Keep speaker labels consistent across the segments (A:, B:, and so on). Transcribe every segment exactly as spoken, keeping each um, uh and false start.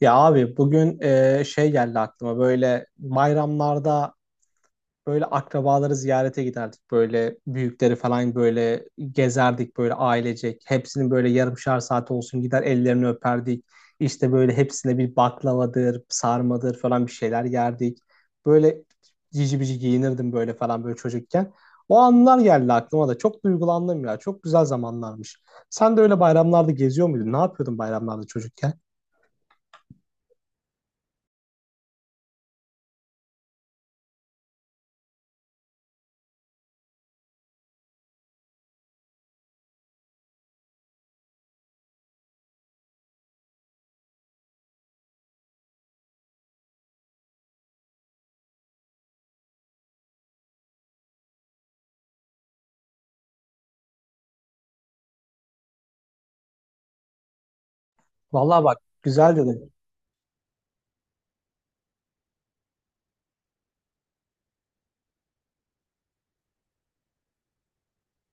A: Ya abi bugün e, şey geldi aklıma böyle bayramlarda böyle akrabaları ziyarete giderdik böyle büyükleri falan böyle gezerdik böyle ailecek hepsinin böyle yarımşar saat olsun gider ellerini öperdik işte böyle hepsine bir baklavadır sarmadır falan bir şeyler yerdik böyle cici bici giyinirdim böyle falan böyle çocukken o anlar geldi aklıma da çok duygulandım ya çok güzel zamanlarmış. Sen de öyle bayramlarda geziyor muydun, ne yapıyordun bayramlarda çocukken? Vallahi bak güzel dedin.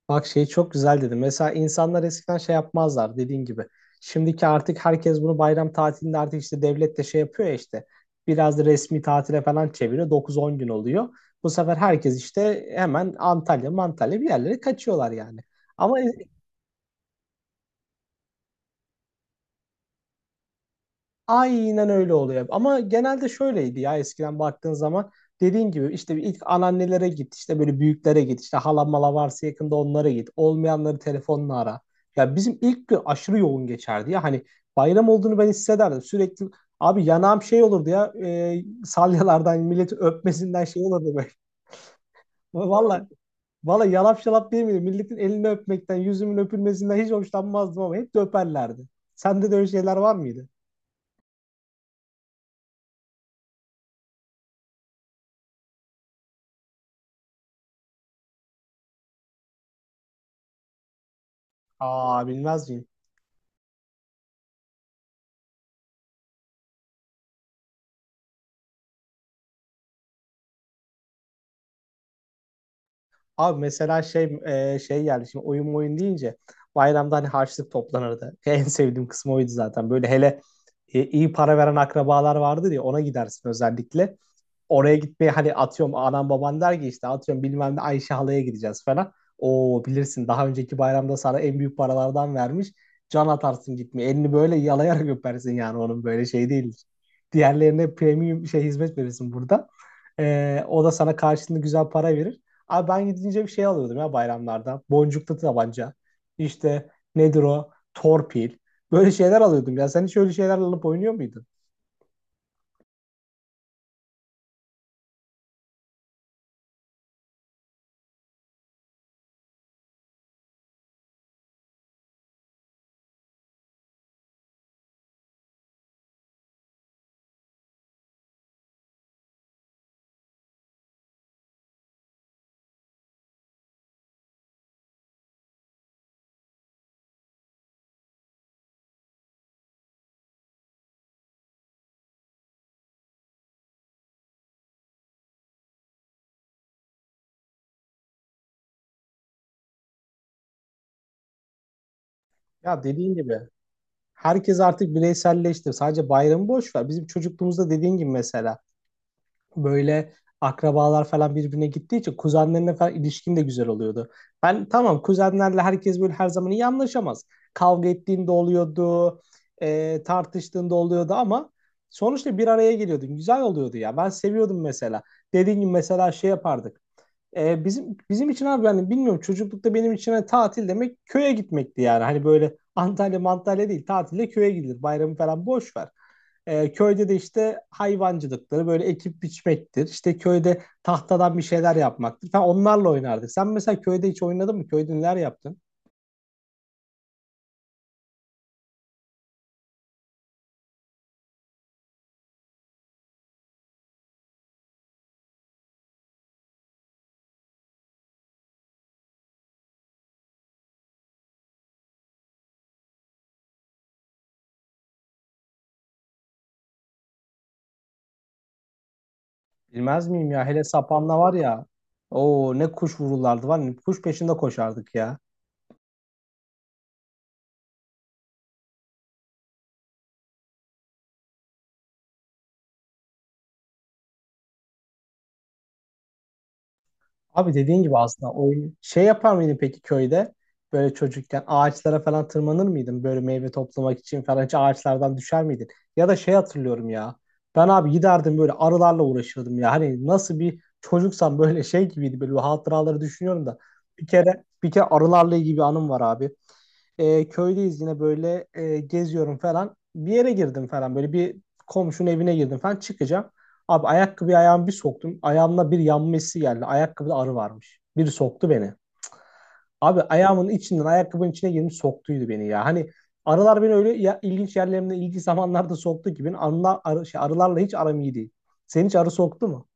A: Bak şey çok güzel dedin. Mesela insanlar eskiden şey yapmazlar dediğin gibi. Şimdiki artık herkes bunu bayram tatilinde artık işte devlet de şey yapıyor ya işte. Biraz da resmi tatile falan çeviriyor. dokuz on gün oluyor. Bu sefer herkes işte hemen Antalya, Mantalya bir yerlere kaçıyorlar yani. Ama aynen öyle oluyor. Ama genelde şöyleydi ya, eskiden baktığın zaman dediğin gibi işte bir ilk anneannelere git, işte böyle büyüklere git, işte halam mala varsa yakında onlara git, olmayanları telefonla ara. Ya bizim ilk gün aşırı yoğun geçerdi ya, hani bayram olduğunu ben hissederdim sürekli. Abi yanağım şey olurdu ya, e, salyalardan milleti öpmesinden şey olurdu böyle. Valla valla yalap şalap değil miydi? Milletin elini öpmekten yüzümün öpülmesinden hiç hoşlanmazdım ama hep de öperlerdi. Sende de öyle şeyler var mıydı? Aa, bilmez miyim? Abi mesela şey, e, şey geldi şimdi, oyun oyun deyince bayramda hani harçlık toplanırdı. En sevdiğim kısmı oydu zaten. Böyle hele e, iyi para veren akrabalar vardır ya, ona gidersin özellikle. Oraya gitmeye hani, atıyorum anam baban der ki işte, atıyorum bilmem ne Ayşe halaya gideceğiz falan. Oo, bilirsin daha önceki bayramda sana en büyük paralardan vermiş. Can atarsın gitmeye. Elini böyle yalayarak öpersin, yani onun böyle şey değildir. Diğerlerine premium şey hizmet verirsin burada. Ee, o da sana karşılığında güzel para verir. Abi ben gidince bir şey alıyordum ya bayramlarda. Boncuklu tabanca. İşte nedir o? Torpil. Böyle şeyler alıyordum ya. Sen hiç öyle şeyler alıp oynuyor muydun? Ya dediğin gibi herkes artık bireyselleşti. Sadece bayramı boş ver. Bizim çocukluğumuzda dediğin gibi mesela böyle akrabalar falan birbirine gittiği için kuzenlerine falan ilişkin de güzel oluyordu. Ben tamam, kuzenlerle herkes böyle her zaman iyi anlaşamaz. Kavga ettiğinde oluyordu, e, tartıştığında oluyordu ama sonuçta bir araya geliyordun. Güzel oluyordu ya. Ben seviyordum mesela. Dediğim gibi mesela şey yapardık. E, bizim bizim için abi, yani bilmiyorum, çocuklukta benim için hani tatil demek köye gitmekti yani. Hani böyle Antalya Mantalya değil, tatilde köye gidilir. Bayramı falan boş ver. E, köyde de işte hayvancılıkları böyle, ekip biçmektir. İşte köyde tahtadan bir şeyler yapmaktır falan, onlarla oynardık. Sen mesela köyde hiç oynadın mı? Köyde neler yaptın? Bilmez miyim ya, hele sapanla var ya. Oo, ne kuş vururlardı var ya, kuş peşinde koşardık ya. Abi dediğin gibi aslında oyun şey yapar mıydın peki köyde? Böyle çocukken ağaçlara falan tırmanır mıydın? Böyle meyve toplamak için falan hiç ağaçlardan düşer miydin? Ya da şey hatırlıyorum ya. Ben abi giderdim böyle arılarla uğraşırdım ya. Hani nasıl bir çocuksam böyle şey gibiydi. Böyle hatıraları düşünüyorum da. Bir kere bir kere arılarla ilgili bir anım var abi. E, köydeyiz yine, böyle e, geziyorum falan. Bir yere girdim falan, böyle bir komşunun evine girdim falan, çıkacağım. Abi ayakkabıyı, ayağımı bir soktum. Ayağımda bir yanma hissi geldi. Ayakkabıda arı varmış. Biri soktu beni. Abi ayağımın içinden ayakkabının içine girmiş soktuydu beni ya. Hani arılar beni öyle ya, ilginç yerlerimde ilginç zamanlarda soktu ki, benim anla, arı, şey, arılarla hiç aram iyi değil. Senin hiç arı soktu mu?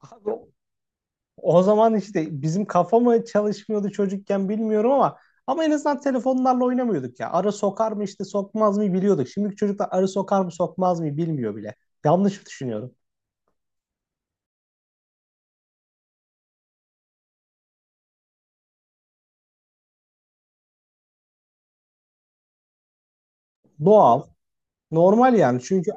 A: Abi, o zaman işte bizim kafa mı çalışmıyordu çocukken bilmiyorum ama, ama en azından telefonlarla oynamıyorduk ya. Arı sokar mı işte sokmaz mı biliyorduk. Şimdiki çocuklar arı sokar mı sokmaz mı bilmiyor bile. Yanlış düşünüyorum. Doğal, normal yani. Çünkü.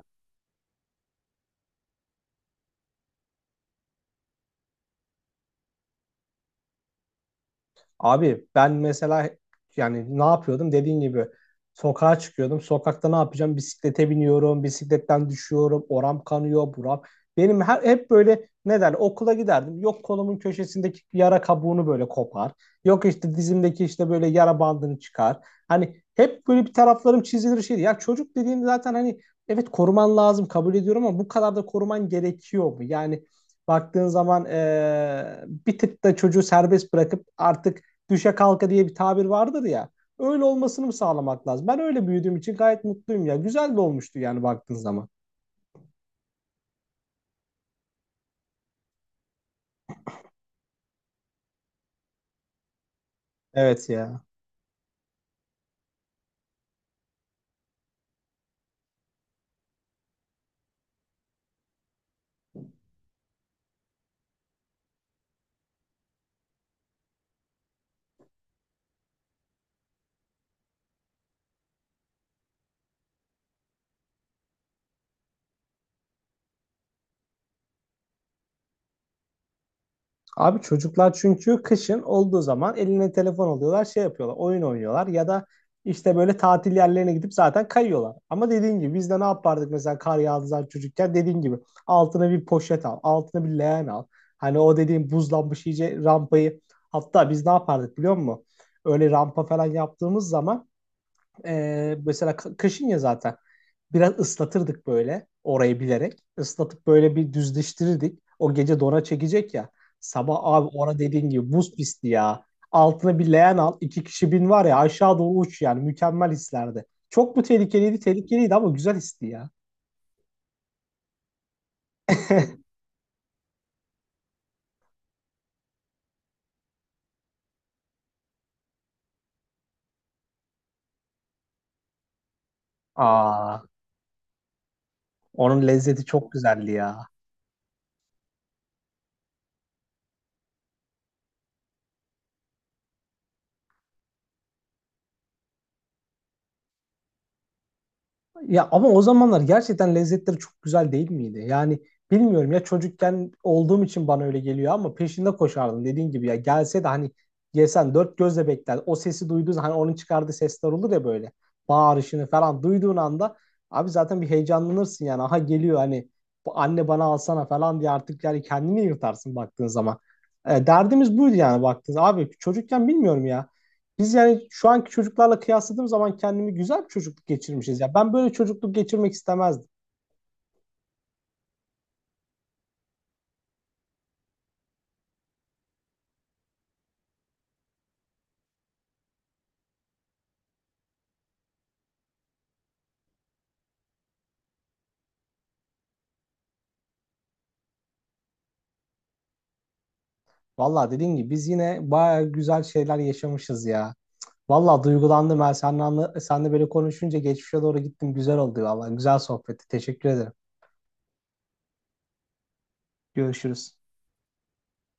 A: Abi ben mesela, yani ne yapıyordum dediğin gibi, sokağa çıkıyordum. Sokakta ne yapacağım? Bisiklete biniyorum, bisikletten düşüyorum, oram kanıyor, buram. Benim her, hep böyle, ne derler, okula giderdim. Yok kolumun köşesindeki yara kabuğunu böyle kopar. Yok işte dizimdeki işte böyle yara bandını çıkar. Hani hep böyle bir taraflarım çizilir şeydi. Ya çocuk dediğin zaten hani, evet koruman lazım kabul ediyorum ama bu kadar da koruman gerekiyor mu? Yani baktığın zaman eee, bir tık da çocuğu serbest bırakıp artık düşe kalka diye bir tabir vardır ya. Öyle olmasını mı sağlamak lazım? Ben öyle büyüdüğüm için gayet mutluyum ya. Güzel de olmuştu yani baktığın zaman. Evet ya. Abi çocuklar çünkü, kışın olduğu zaman eline telefon alıyorlar, şey yapıyorlar, oyun oynuyorlar ya da işte böyle tatil yerlerine gidip zaten kayıyorlar. Ama dediğin gibi biz de ne yapardık mesela kar yağdığı zaman çocukken, dediğin gibi altına bir poşet al, altına bir leğen al. Hani o dediğim buzlanmış iyice rampayı, hatta biz ne yapardık biliyor musun? Öyle rampa falan yaptığımız zaman e, mesela kışın ya, zaten biraz ıslatırdık böyle orayı bilerek. Islatıp böyle bir düzleştirirdik. O gece dona çekecek ya. Sabah abi ona dediğin gibi buz pisti ya. Altına bir leğen al, iki kişi bin var ya, aşağı doğru uç yani. Mükemmel hislerdi. Çok mu tehlikeliydi? Tehlikeliydi ama güzel histi ya. Aa, onun lezzeti çok güzeldi ya. Ya ama o zamanlar gerçekten lezzetleri çok güzel değil miydi? Yani bilmiyorum ya, çocukken olduğum için bana öyle geliyor ama peşinde koşardım dediğin gibi ya, gelse de hani yesen, dört gözle bekler. O sesi duyduğun, hani onun çıkardığı sesler olur ya böyle, bağırışını falan duyduğun anda abi zaten bir heyecanlanırsın, yani aha geliyor hani bu, anne bana alsana falan diye artık, yani kendini yırtarsın baktığın zaman. E, derdimiz buydu yani, baktığınız abi çocukken bilmiyorum ya. Biz yani şu anki çocuklarla kıyasladığım zaman kendimi, güzel bir çocukluk geçirmişiz. Ya ben böyle çocukluk geçirmek istemezdim. Vallahi dediğim gibi biz yine bayağı güzel şeyler yaşamışız ya. Vallahi duygulandım ben seninle, anla- seninle böyle konuşunca geçmişe doğru gittim. Güzel oldu vallahi. Güzel sohbetti. Teşekkür ederim. Görüşürüz.